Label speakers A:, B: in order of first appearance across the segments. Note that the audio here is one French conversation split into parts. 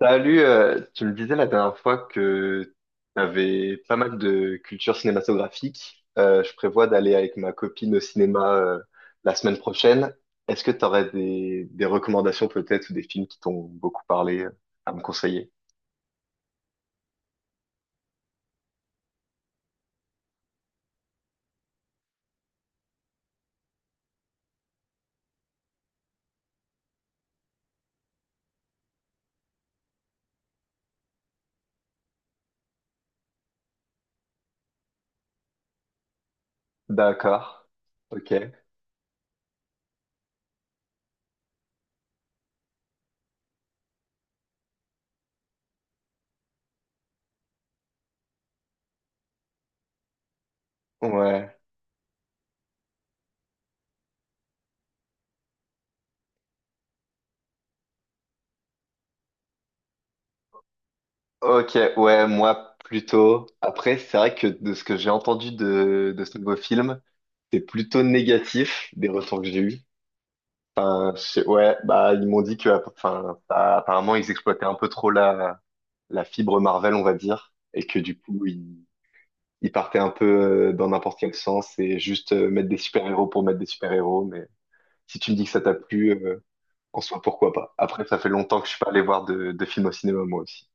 A: Salut, tu me disais la dernière fois que tu avais pas mal de culture cinématographique. Je prévois d'aller avec ma copine au cinéma la semaine prochaine. Est-ce que tu aurais des recommandations peut-être ou des films qui t'ont beaucoup parlé à me conseiller? D'accord. Ok. Ouais. Ok, ouais, moi plutôt. Après, c'est vrai que de ce que j'ai entendu de ce nouveau film, c'est plutôt négatif des retours que j'ai eus. Ouais, bah ils m'ont dit que enfin, bah, apparemment ils exploitaient un peu trop la fibre Marvel, on va dire, et que ils partaient un peu dans n'importe quel sens et juste mettre des super-héros pour mettre des super-héros. Mais si tu me dis que ça t'a plu, en soi pourquoi pas. Après, ça fait longtemps que je suis pas allé voir de films au cinéma moi aussi.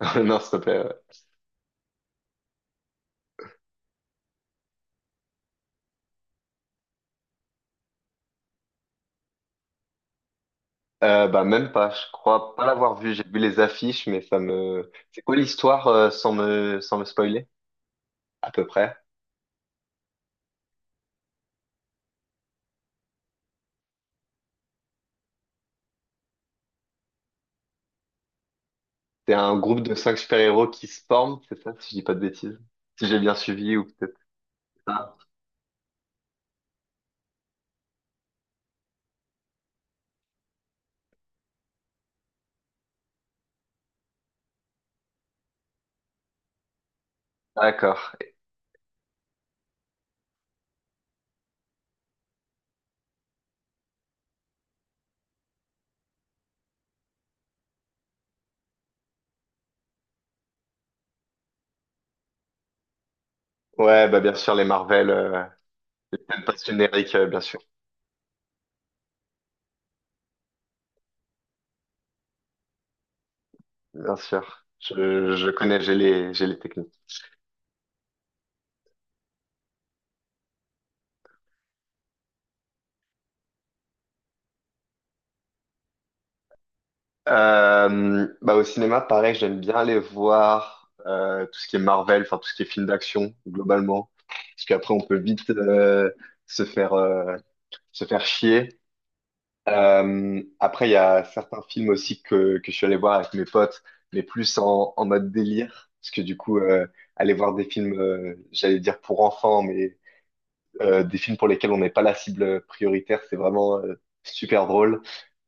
A: Non, s'il te plaît. Ouais. Bah même pas, je crois pas l'avoir vu. J'ai vu les affiches, mais ça me. C'est quoi l'histoire sans me spoiler, à peu près? C'est un groupe de cinq super-héros qui se forment, c'est ça, si je dis pas de bêtises? Si j'ai bien suivi, ou peut-être pas. D'accord. Ouais, bah bien sûr, les Marvel, même pas générique, bien sûr. Bien sûr. Je connais, j'ai les techniques. Bah au cinéma, pareil, j'aime bien aller voir tout ce qui est Marvel, enfin tout ce qui est film d'action, globalement. Parce qu'après, on peut vite se faire, euh, se faire chier. Après, il y a certains films aussi que je suis allé voir avec mes potes, mais plus en mode délire. Parce que du coup, aller voir des films, j'allais dire pour enfants, mais des films pour lesquels on n'est pas la cible prioritaire, c'est vraiment super drôle.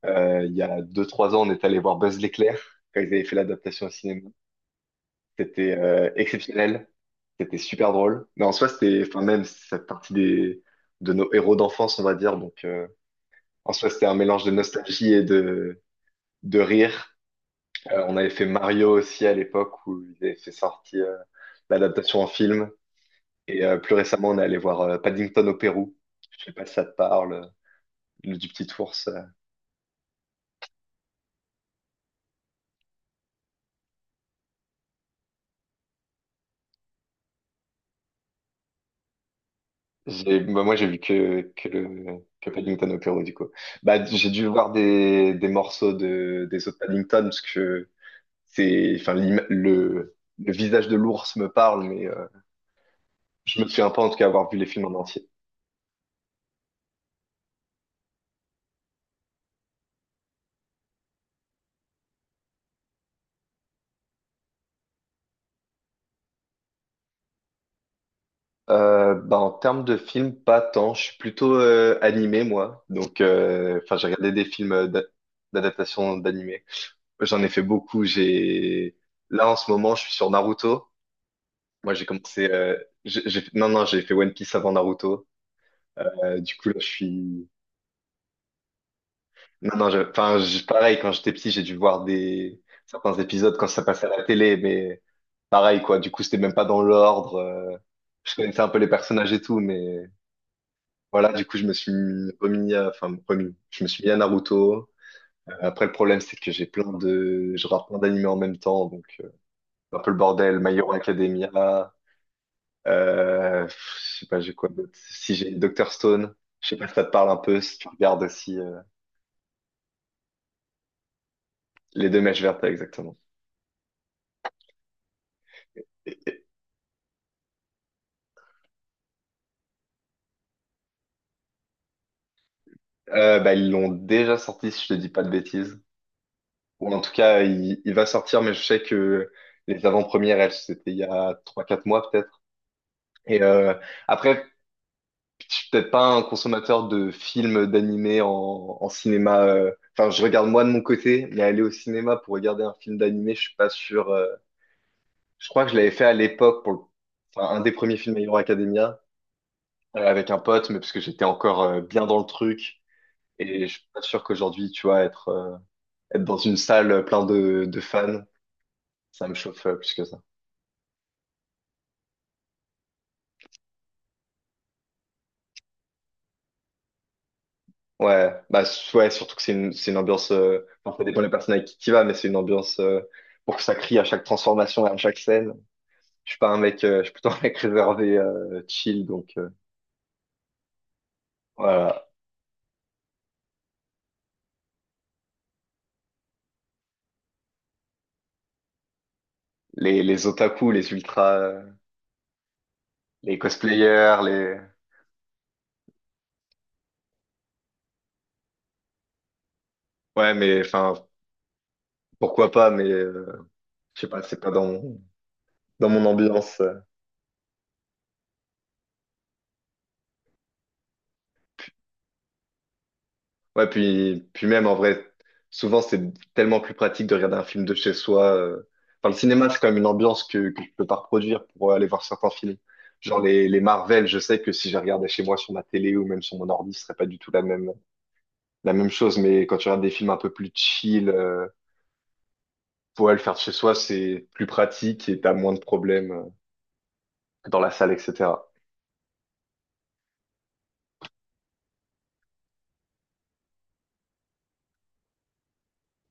A: Il y a deux, trois ans, on est allé voir Buzz l'éclair quand ils avaient fait l'adaptation au cinéma. C'était exceptionnel. C'était super drôle. Mais en soi, c'était, enfin, même cette partie de nos héros d'enfance, on va dire. Donc, en soi, c'était un mélange de nostalgie et de rire. On avait fait Mario aussi à l'époque où ils avaient fait sortir l'adaptation en film. Et plus récemment, on est allé voir Paddington au Pérou. Je sais pas si ça te parle, le du petit ours. Bah, moi, j'ai vu que Paddington au Pérou, du coup. Bah, j'ai dû voir des morceaux des autres Paddington parce que c'est, enfin, le visage de l'ours me parle, mais je me souviens pas en tout cas avoir vu les films en entier. Bah, en termes de films, pas tant. Je suis plutôt animé, moi. Donc, enfin, j'ai regardé des films d'adaptation d'animé. J'en ai fait beaucoup. J'ai là en ce moment, je suis sur Naruto. Moi, j'ai commencé. Non, non, j'ai fait One Piece avant Naruto. Du coup, là, je suis. Non, non, pareil. Quand j'étais petit, j'ai dû voir des certains épisodes quand ça passait à la télé, mais pareil, quoi. Du coup, c'était même pas dans l'ordre. Je connaissais un peu les personnages et tout, mais voilà, du coup, je me suis mis à Naruto. Après, le problème, c'est que j'ai plein de, je rate plein d'animés en même temps, donc, c'est un peu le bordel. My Hero Academia, euh, pff, je sais pas, j'ai quoi d'autre. Si j'ai Doctor Stone, je sais pas si ça te parle un peu, si tu regardes aussi, les deux mèches vertes, exactement. Et- et- Bah, ils l'ont déjà sorti, si je te dis pas de bêtises. Ou en tout cas, il va sortir, mais je sais que les avant-premières, elles, c'était il y a trois, quatre mois, peut-être. Et, après, je suis peut-être pas un consommateur de films, d'animés en cinéma. Enfin, je regarde moi de mon côté, mais aller au cinéma pour regarder un film d'animé, je suis pas sûr. Je crois que je l'avais fait à l'époque enfin, un des premiers films My Hero Academia avec un pote, mais parce que j'étais encore bien dans le truc. Et je suis pas sûr qu'aujourd'hui, tu vois, être dans une salle plein de fans, ça me chauffe plus que ça. Ouais, surtout que c'est une ambiance. Enfin, ça dépend des personnes avec qui tu vas, mais c'est une ambiance pour que ça crie à chaque transformation et à chaque scène. Je suis pas un mec, Je suis plutôt un mec réservé, chill, donc voilà. Les otaku, les ultras, les cosplayers, les... Ouais, mais enfin, pourquoi pas, mais je sais pas, c'est pas dans mon, dans mon ambiance. Ouais, puis même, en vrai, souvent, c'est tellement plus pratique de regarder un film de chez soi. Enfin, le cinéma, c'est quand même une ambiance que je peux pas reproduire pour aller voir certains films. Genre les Marvel, je sais que si je les regardais chez moi sur ma télé ou même sur mon ordi, ce serait pas du tout la même chose, mais quand tu regardes des films un peu plus chill, pour le faire de chez soi, c'est plus pratique et t'as moins de problèmes que dans la salle, etc.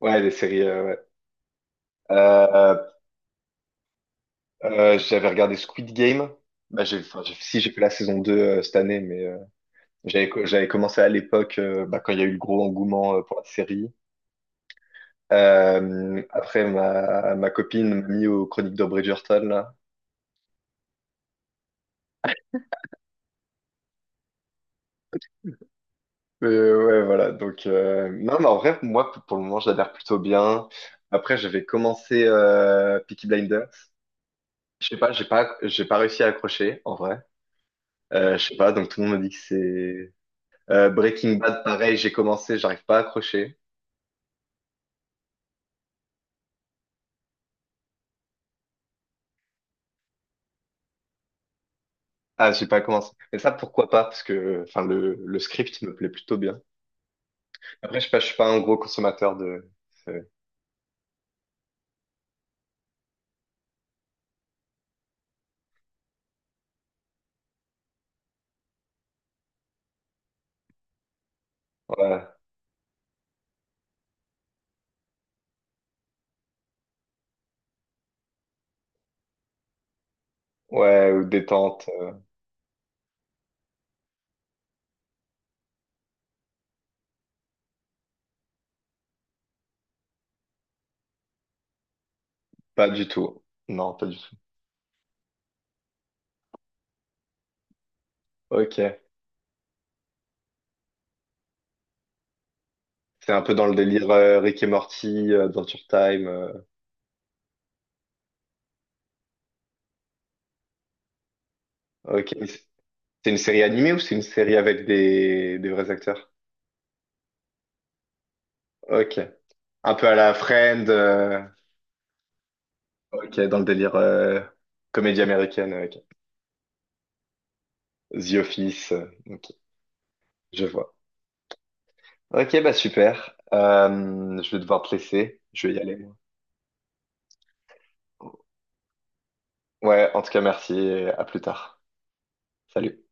A: Ouais, les séries, ouais. Euh, J'avais regardé Squid Game. Si, j'ai fait la saison 2 cette année, mais j'avais commencé à l'époque, bah, quand il y a eu le gros engouement pour la série. Après, ma copine m'a mis aux Chroniques de Bridgerton, là. Mais ouais, voilà. Donc, non, mais en vrai, moi, pour le moment, j'adhère plutôt bien. Après, j'avais commencé Peaky Blinders. Je sais pas, j'ai pas réussi à accrocher, en vrai. Je sais pas, donc tout le monde me dit que c'est... Breaking Bad, pareil, j'ai commencé, j'arrive pas à accrocher. Ah, j'ai pas commencé. Mais ça, pourquoi pas? Parce que, enfin, le script me plaît plutôt bien. Après, je sais pas, je suis pas un gros consommateur de- Ouais, ouais, ou détente. Pas du tout. Non, pas du tout. Ok. C'est un peu dans le délire Rick et Morty, Adventure Time. Ok. C'est une série animée ou c'est une série avec des vrais acteurs? Ok. Un peu à la Friend. Ok, dans le délire comédie américaine. Ok. The Office. Ok, je vois. Ok, bah super. Je vais devoir te laisser. Je vais y aller, moi. Ouais, en tout cas, merci et à plus tard. Salut.